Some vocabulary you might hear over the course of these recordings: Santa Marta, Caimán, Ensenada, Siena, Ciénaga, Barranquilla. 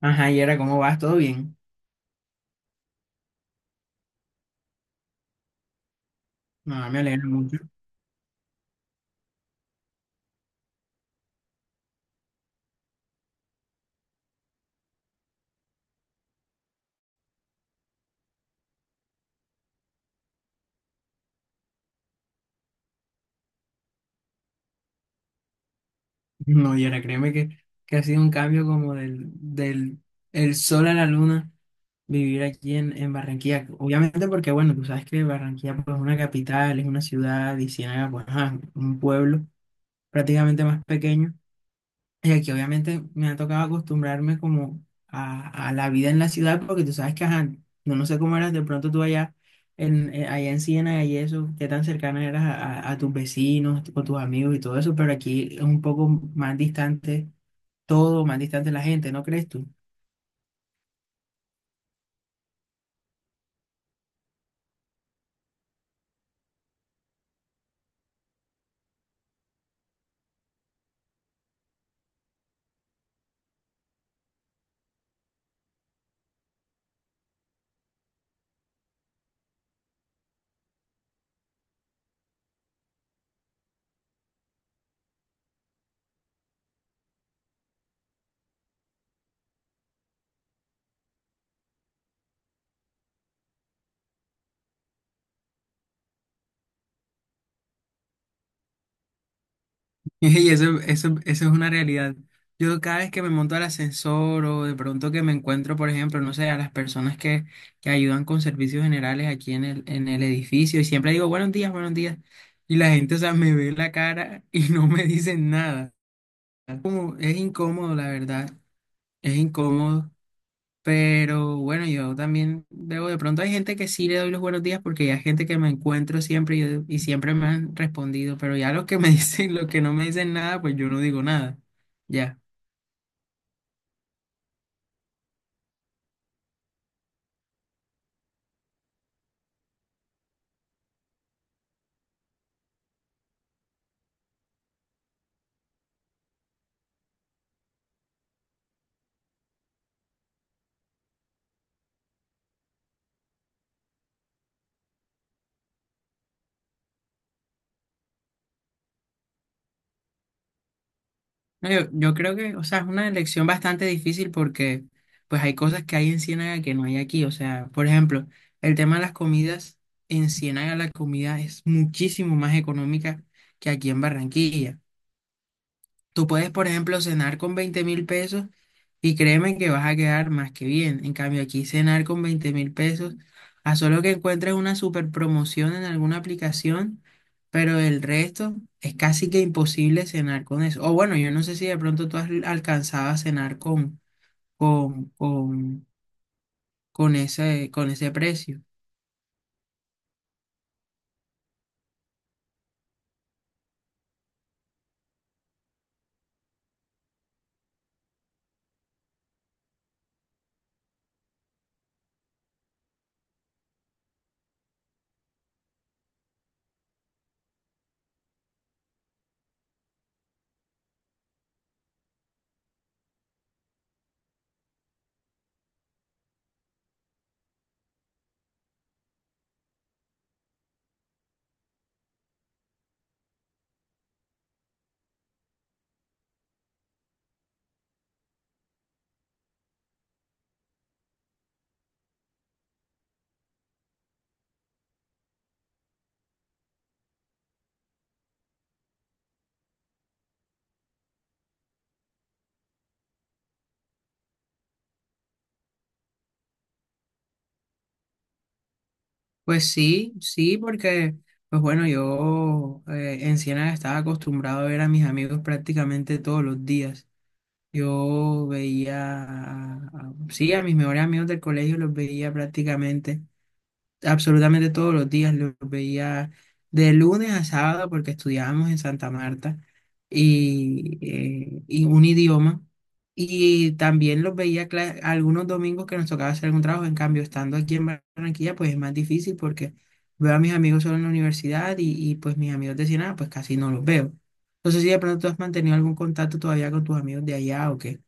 Ajá, Yera, ¿cómo vas? ¿Todo bien? No, me alegra mucho. No, Yera, créeme que ha sido un cambio como del, del el sol a la luna vivir aquí en Barranquilla. Obviamente porque, bueno, tú sabes que Barranquilla pues, es una capital, es una ciudad, y Ciénaga pues ajá, un pueblo prácticamente más pequeño. Y aquí obviamente me ha tocado acostumbrarme como a la vida en la ciudad, porque tú sabes que, ajá, no, no sé cómo eras de pronto tú allá en Siena y eso, qué tan cercana eras a tus vecinos, o tus amigos y todo eso, pero aquí es un poco más distante todo, más distante la gente, ¿no crees tú? Y eso es una realidad. Yo cada vez que me monto al ascensor o de pronto que me encuentro, por ejemplo, no sé, a las personas que ayudan con servicios generales aquí en el edificio y siempre digo buenos días, buenos días. Y la gente, o sea, me ve la cara y no me dicen nada. Como, es incómodo, la verdad. Es incómodo. Pero bueno, yo también debo, de pronto hay gente que sí le doy los buenos días porque ya hay gente que me encuentro siempre y siempre me han respondido, pero ya los que me dicen, los que no me dicen nada, pues yo no digo nada. Ya. No, yo creo que, o sea, es una elección bastante difícil porque pues hay cosas que hay en Ciénaga que no hay aquí. O sea, por ejemplo, el tema de las comidas, en Ciénaga la comida es muchísimo más económica que aquí en Barranquilla. Tú puedes, por ejemplo, cenar con 20.000 pesos y créeme que vas a quedar más que bien. En cambio, aquí cenar con 20.000 pesos, a solo que encuentres una super promoción en alguna aplicación, pero el resto es casi que imposible cenar con eso. O bueno, yo no sé si de pronto tú has alcanzado a cenar con, con, con ese precio. Pues sí, sí, porque, pues bueno, yo en Ciénaga estaba acostumbrado a ver a mis amigos prácticamente todos los días. Yo veía, sí, a mis mejores amigos del colegio los veía prácticamente, absolutamente todos los días, los veía de lunes a sábado porque estudiábamos en Santa Marta y un idioma. Y también los veía algunos domingos que nos tocaba hacer algún trabajo. En cambio, estando aquí en Barranquilla, pues es más difícil porque veo a mis amigos solo en la universidad y pues mis amigos de Siena, pues casi no los veo. No sé si de pronto tú has mantenido algún contacto todavía con tus amigos de allá o qué.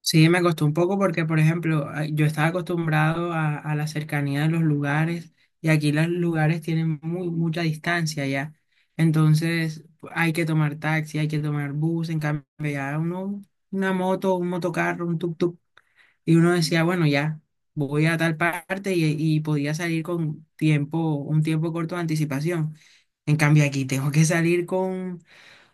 Sí, me costó un poco porque, por ejemplo, yo estaba acostumbrado a la cercanía de los lugares y aquí los lugares tienen mucha distancia ya. Entonces hay que tomar taxi, hay que tomar bus, en cambio ya uno, una moto, un motocarro, un tuk-tuk. Y uno decía, bueno, ya voy a tal parte y podía salir con tiempo, un tiempo corto de anticipación. En cambio aquí tengo que salir con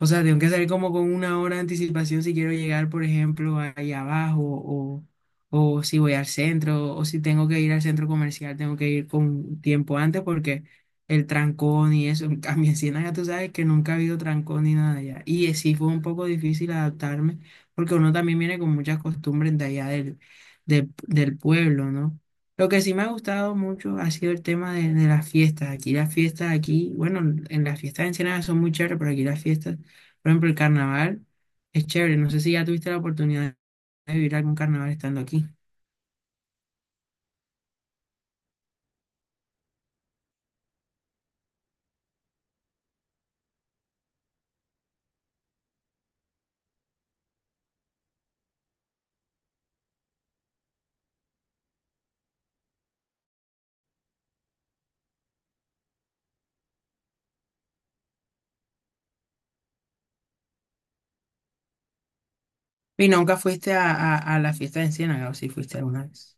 o sea, tengo que salir como con una hora de anticipación si quiero llegar, por ejemplo, ahí abajo, o si voy al centro, o si tengo que ir al centro comercial, tengo que ir con tiempo antes porque el trancón y eso. En cambio, en Ciénaga tú sabes que nunca ha habido trancón ni nada allá. Y sí fue un poco difícil adaptarme porque uno también viene con muchas costumbres de allá del pueblo, ¿no? Lo que sí me ha gustado mucho ha sido el tema de las fiestas. Aquí las fiestas, aquí, bueno, en las fiestas en Ensenada son muy chéveres, pero aquí las fiestas por ejemplo, el carnaval es chévere. No sé si ya tuviste la oportunidad de vivir algún carnaval estando aquí. Y nunca fuiste a, a la fiesta de Enciénaga, o si fuiste alguna vez.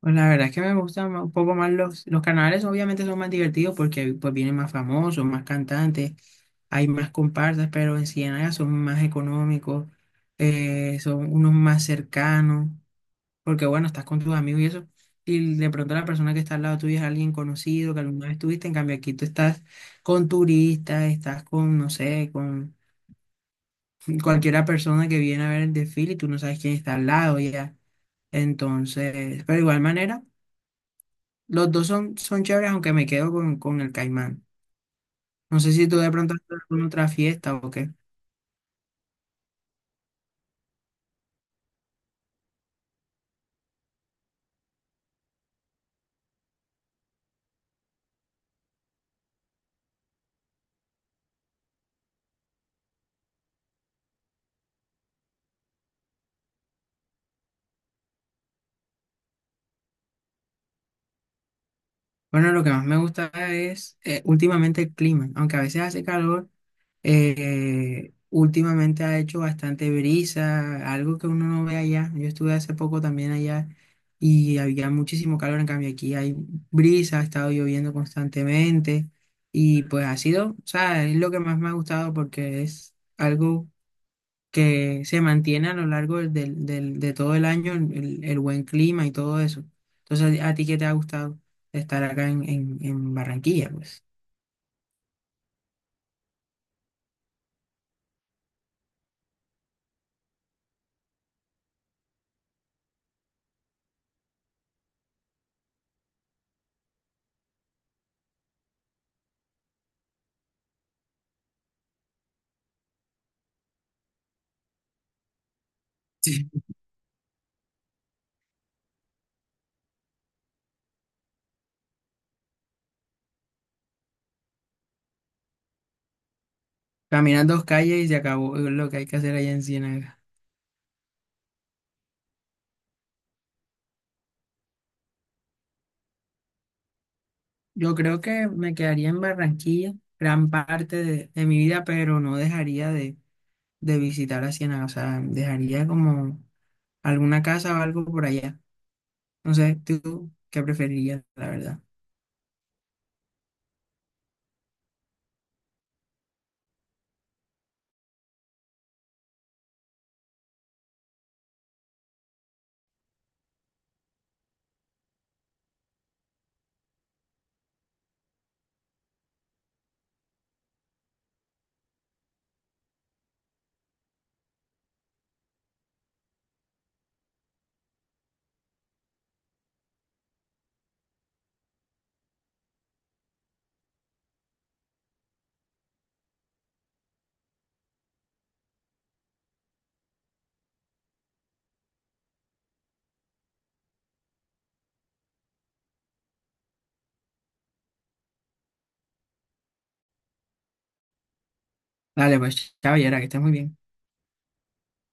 Pues la verdad es que me gustan un poco más los carnavales, obviamente son más divertidos porque pues vienen más famosos, más cantantes, hay más comparsas, pero en Ciénaga son más económicos, son unos más cercanos. Porque bueno, estás con tus amigos y eso. Y de pronto la persona que está al lado tuyo es alguien conocido que alguna vez tuviste. En cambio, aquí tú estás con turistas, estás con, no sé, con cualquiera persona que viene a ver el desfile y tú no sabes quién está al lado ya. Entonces, pero de igual manera, los dos son chéveres, aunque me quedo con el Caimán. No sé si tú de pronto estás con otra fiesta o qué. Bueno, lo que más me gusta es últimamente el clima, aunque a veces hace calor, últimamente ha hecho bastante brisa, algo que uno no ve allá. Yo estuve hace poco también allá y había muchísimo calor, en cambio aquí hay brisa, ha estado lloviendo constantemente y pues ha sido, o sea, es lo que más me ha gustado porque es algo que se mantiene a lo largo de todo el año el buen clima y todo eso. Entonces, ¿a ti qué te ha gustado estar acá en Barranquilla? Pues Sí. Caminas dos calles y se acabó lo que hay que hacer allá en Ciénaga. Yo creo que me quedaría en Barranquilla gran parte de mi vida, pero no dejaría de visitar a Ciénaga. O sea, dejaría como alguna casa o algo por allá. No sé, ¿tú qué preferirías, la verdad? Dale, pues, caballera, que estés muy bien.